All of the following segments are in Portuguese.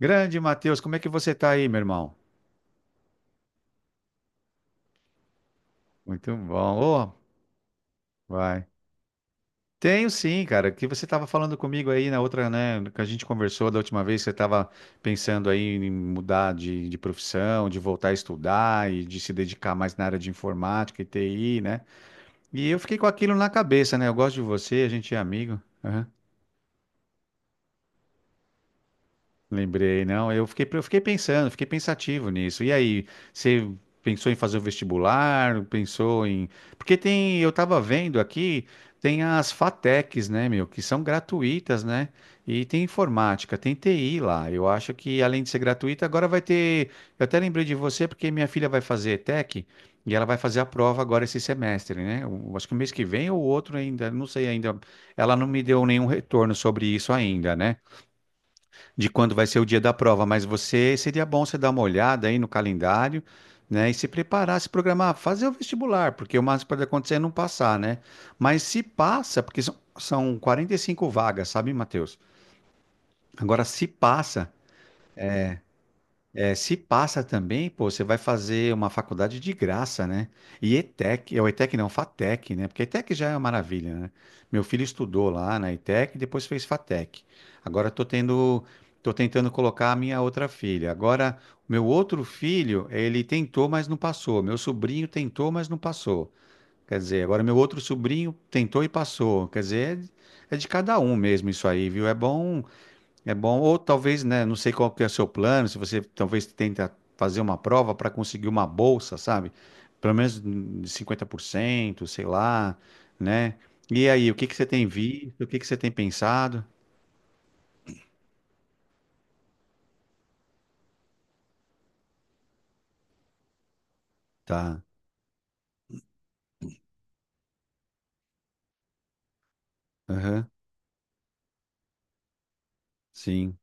Grande Matheus, como é que você tá aí, meu irmão? Muito bom. Ô, vai. Tenho sim, cara, que você estava falando comigo aí na outra, né, que a gente conversou da última vez, você estava pensando aí em mudar de profissão, de voltar a estudar e de se dedicar mais na área de informática e TI, né? E eu fiquei com aquilo na cabeça, né? Eu gosto de você, a gente é amigo. Lembrei, não. Eu fiquei pensando, fiquei pensativo nisso. E aí, você pensou em fazer o vestibular? Pensou em. Porque tem, eu tava vendo aqui, tem as FATECs, né, meu, que são gratuitas, né? E tem informática, tem TI lá. Eu acho que além de ser gratuita, agora vai ter. Eu até lembrei de você porque minha filha vai fazer ETEC e ela vai fazer a prova agora esse semestre, né? Eu acho que o mês que vem ou outro ainda, não sei ainda. Ela não me deu nenhum retorno sobre isso ainda, né? De quando vai ser o dia da prova, mas você seria bom você dar uma olhada aí no calendário, né, e se preparar, se programar, fazer o vestibular, porque o máximo que pode acontecer é não passar, né? Mas se passa, porque são 45 vagas, sabe, Matheus? Agora, se passa, é, se passa também, pô, você vai fazer uma faculdade de graça, né? E ETEC, é o ETEC não, FATEC, né? Porque ETEC já é uma maravilha, né? Meu filho estudou lá na ETEC e depois fez FATEC. Agora eu tô tendo, tô tentando colocar a minha outra filha. Agora, meu outro filho, ele tentou, mas não passou. Meu sobrinho tentou, mas não passou. Quer dizer, agora meu outro sobrinho tentou e passou. Quer dizer, é de cada um mesmo isso aí, viu? É bom, ou talvez, né, não sei qual que é o seu plano, se você talvez tenta fazer uma prova para conseguir uma bolsa, sabe? Pelo menos 50% sei lá, né? E aí, o que que você tem visto? O que que você tem pensado? Tá. Aham. Sim,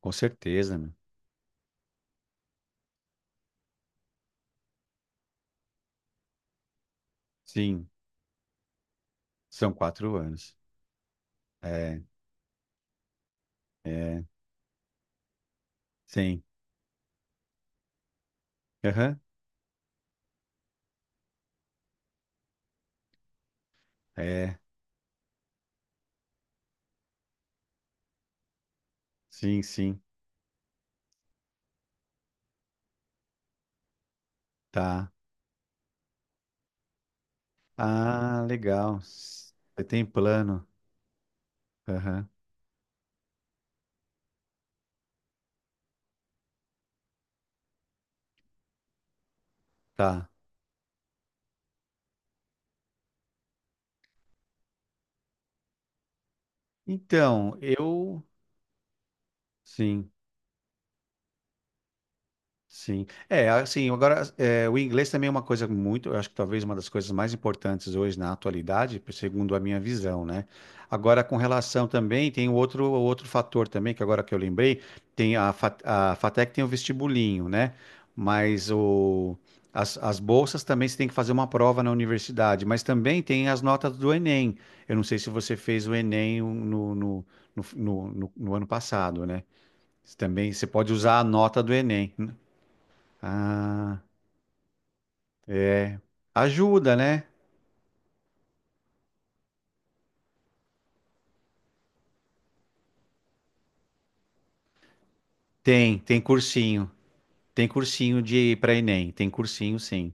com certeza, meu. Sim, são 4 anos. É, é, sim. Aham. É, sim, sim. Tá. Ah, legal. Você tem plano. Aham. Tá. Então, eu Sim, sim. É, assim, agora, é, o inglês também é uma coisa muito, eu acho que talvez uma das coisas mais importantes hoje na atualidade, segundo a minha visão, né? Agora, com relação também, tem o outro fator também, que agora que eu lembrei, tem a FATEC tem o vestibulinho, né? Mas o, as bolsas também você tem que fazer uma prova na universidade, mas também tem as notas do Enem. Eu não sei se você fez o Enem um, no ano passado, né? Você também você pode usar a nota do Enem, né? Ah, ajuda, né? Tem cursinho. Tem cursinho de para Enem, tem cursinho sim.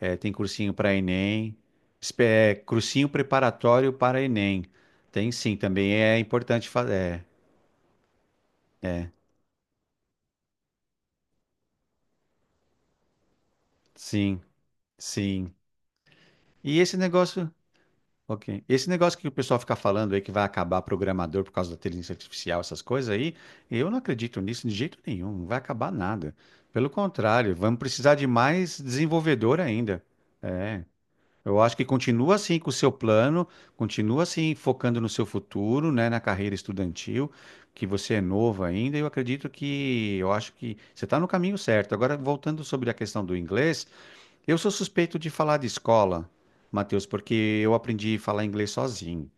É, tem cursinho para Enem, é, cursinho preparatório para Enem. Tem sim, também é importante fazer. Sim, sim. E esse negócio. Ok. Esse negócio que o pessoal fica falando aí que vai acabar programador por causa da inteligência artificial, essas coisas aí, eu não acredito nisso de jeito nenhum. Não vai acabar nada. Pelo contrário, vamos precisar de mais desenvolvedor ainda. É. Eu acho que continua assim com o seu plano, continua assim focando no seu futuro, né, na carreira estudantil, que você é novo ainda. Eu acredito que, eu acho que você está no caminho certo. Agora, voltando sobre a questão do inglês. Eu sou suspeito de falar de escola, Matheus, porque eu aprendi a falar inglês sozinho.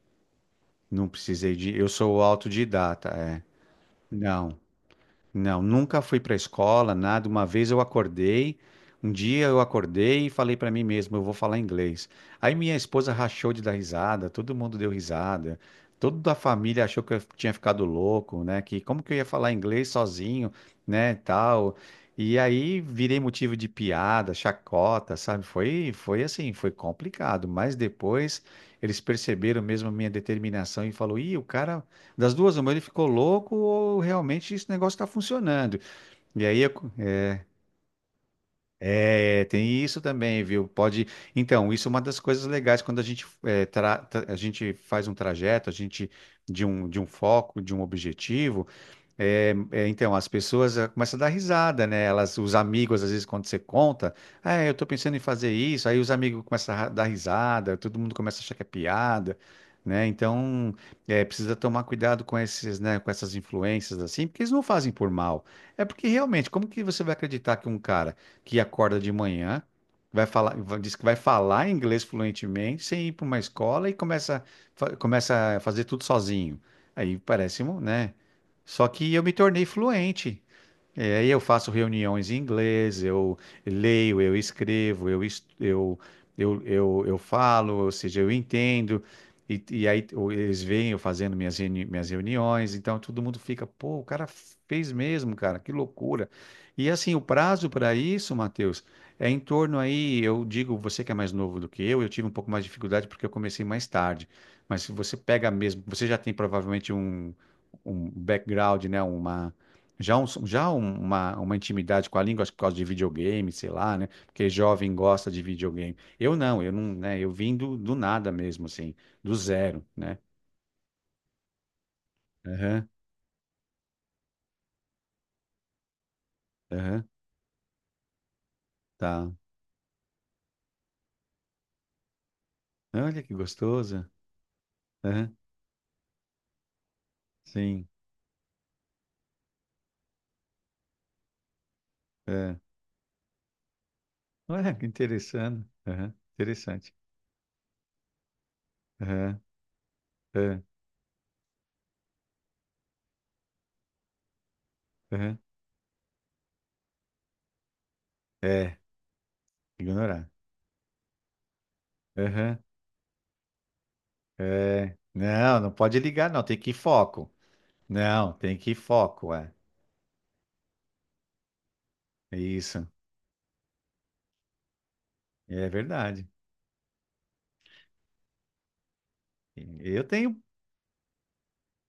Não precisei de. Eu sou autodidata, é. Não. Não, nunca fui para a escola, nada. Uma vez eu acordei, um dia eu acordei e falei para mim mesmo, eu vou falar inglês. Aí minha esposa rachou de dar risada, todo mundo deu risada, toda a família achou que eu tinha ficado louco, né? Que como que eu ia falar inglês sozinho, né, tal. E aí virei motivo de piada, chacota, sabe? Foi assim, foi complicado. Mas depois eles perceberam mesmo a minha determinação e falou, ih, o cara, das duas, uma, ele ficou louco ou realmente esse negócio está funcionando. E aí, eu- é, tem isso também, viu? Pode. Então, isso é uma das coisas legais quando a gente, é, a gente faz um trajeto, a gente de um foco, de um objetivo. É, é, então, as pessoas começam a dar risada, né? Elas, os amigos, às vezes, quando você conta, ah, eu tô pensando em fazer isso, aí os amigos começam a dar risada, todo mundo começa a achar que é piada, né? Então, precisa tomar cuidado com esses, né, com essas influências, assim, porque eles não fazem por mal. É porque, realmente, como que você vai acreditar que um cara que acorda de manhã, vai falar, diz que vai falar inglês fluentemente, sem ir para uma escola e começa, começa a fazer tudo sozinho? Aí parece, um, né? Só que eu me tornei fluente. É, aí eu faço reuniões em inglês, eu leio, eu escrevo, eu, es- eu falo, ou seja, eu entendo, e aí o- eles veem eu fazendo minhas, minhas reuniões, então todo mundo fica, pô, o cara fez mesmo, cara, que loucura. E assim, o prazo para isso, Matheus, é em torno aí, eu digo, você que é mais novo do que eu tive um pouco mais de dificuldade porque eu comecei mais tarde, mas se você pega mesmo, você já tem provavelmente um background, né, uma já um, uma intimidade com a língua, acho que por causa de videogame, sei lá, né? Porque jovem gosta de videogame. Eu não, né? Eu vim do nada mesmo, assim, do zero, né? Aham, aham, tá. Olha que gostoso. Aham, sim. É. Olha que interessante. Aham, interessante. Aham, é, aham. É, ignorar. Aham, é. Não, não pode ligar, não. Tem que ir foco. Não, tem que ir foco, é. É isso. É verdade. Eu tenho.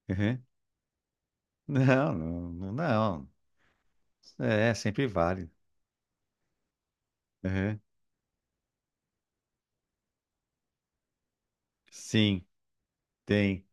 Uhum. Não, não, não. Não. É, sempre vale. Uhum. Sim, tem.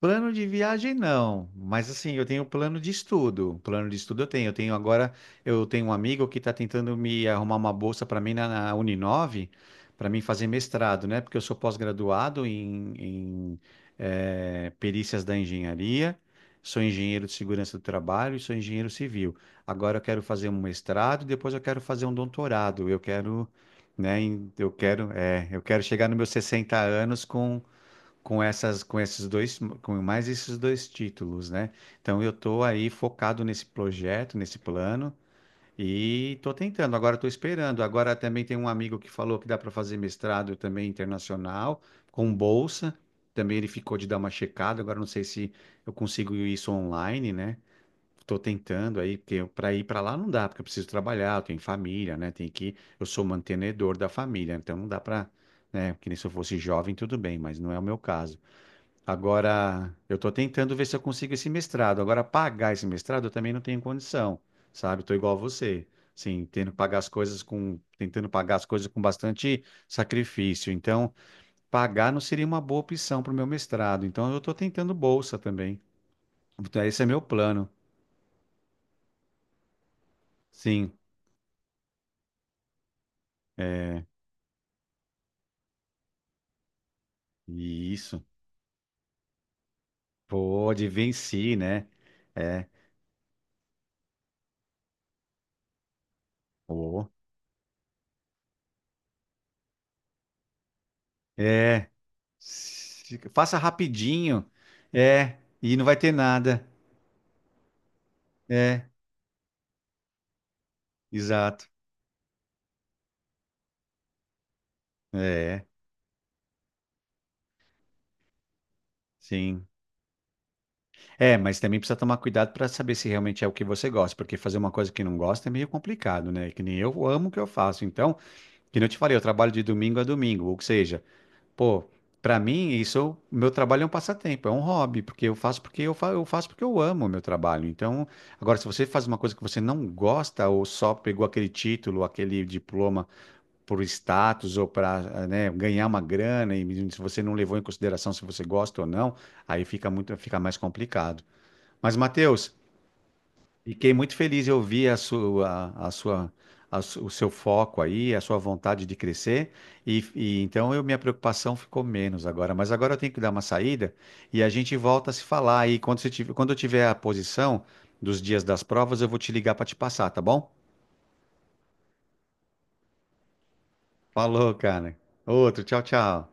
Plano de viagem não, mas assim, eu tenho plano de estudo. Plano de estudo eu tenho. Eu tenho agora, eu tenho um amigo que está tentando me arrumar uma bolsa para mim na Uninove, para mim fazer mestrado, né? Porque eu sou pós-graduado perícias da engenharia, sou engenheiro de segurança do trabalho e sou engenheiro civil. Agora eu quero fazer um mestrado, depois eu quero fazer um doutorado. Eu quero, né? Eu quero chegar nos meus 60 anos com essas com esses dois com mais esses dois títulos, né? Então eu tô aí focado nesse projeto, nesse plano e tô tentando, agora tô esperando. Agora também tem um amigo que falou que dá para fazer mestrado também internacional com bolsa. Também ele ficou de dar uma checada, agora não sei se eu consigo isso online, né? Tô tentando aí, porque para ir para lá não dá, porque eu preciso trabalhar, eu tenho família, né? Tem que, eu sou mantenedor da família, então não dá para, né? Que nem se eu fosse jovem, tudo bem, mas não é o meu caso. Agora, eu estou tentando ver se eu consigo esse mestrado. Agora, pagar esse mestrado eu também não tenho condição, sabe? Estou igual a você, sim, tendo que pagar as coisas com, tentando pagar as coisas com bastante sacrifício. Então, pagar não seria uma boa opção para o meu mestrado. Então, eu estou tentando bolsa também. Então, esse é meu plano, sim. É, e isso. Pode venci, né? É, pô. É, faça rapidinho. É, e não vai ter nada. É. Exato. É, sim. É, mas também precisa tomar cuidado para saber se realmente é o que você gosta, porque fazer uma coisa que não gosta é meio complicado, né? Que nem eu amo o que eu faço. Então, que nem eu te falei, eu trabalho de domingo a domingo, ou seja, pô, para mim isso, meu trabalho é um passatempo, é um hobby, porque eu faço porque eu, fa eu faço porque eu amo o meu trabalho. Então, agora se você faz uma coisa que você não gosta ou só pegou aquele título, aquele diploma por status ou para, né, ganhar uma grana, e se você não levou em consideração se você gosta ou não, aí fica muito, fica mais complicado. Mas, Matheus, fiquei muito feliz em ouvir a sua, a sua, a su- o seu foco aí, a sua vontade de crescer, e então eu, minha preocupação ficou menos agora. Mas agora eu tenho que dar uma saída e a gente volta a se falar. E quando você tiver, quando eu tiver a posição dos dias das provas, eu vou te ligar para te passar, tá bom? Falou, cara. Outro, tchau, tchau.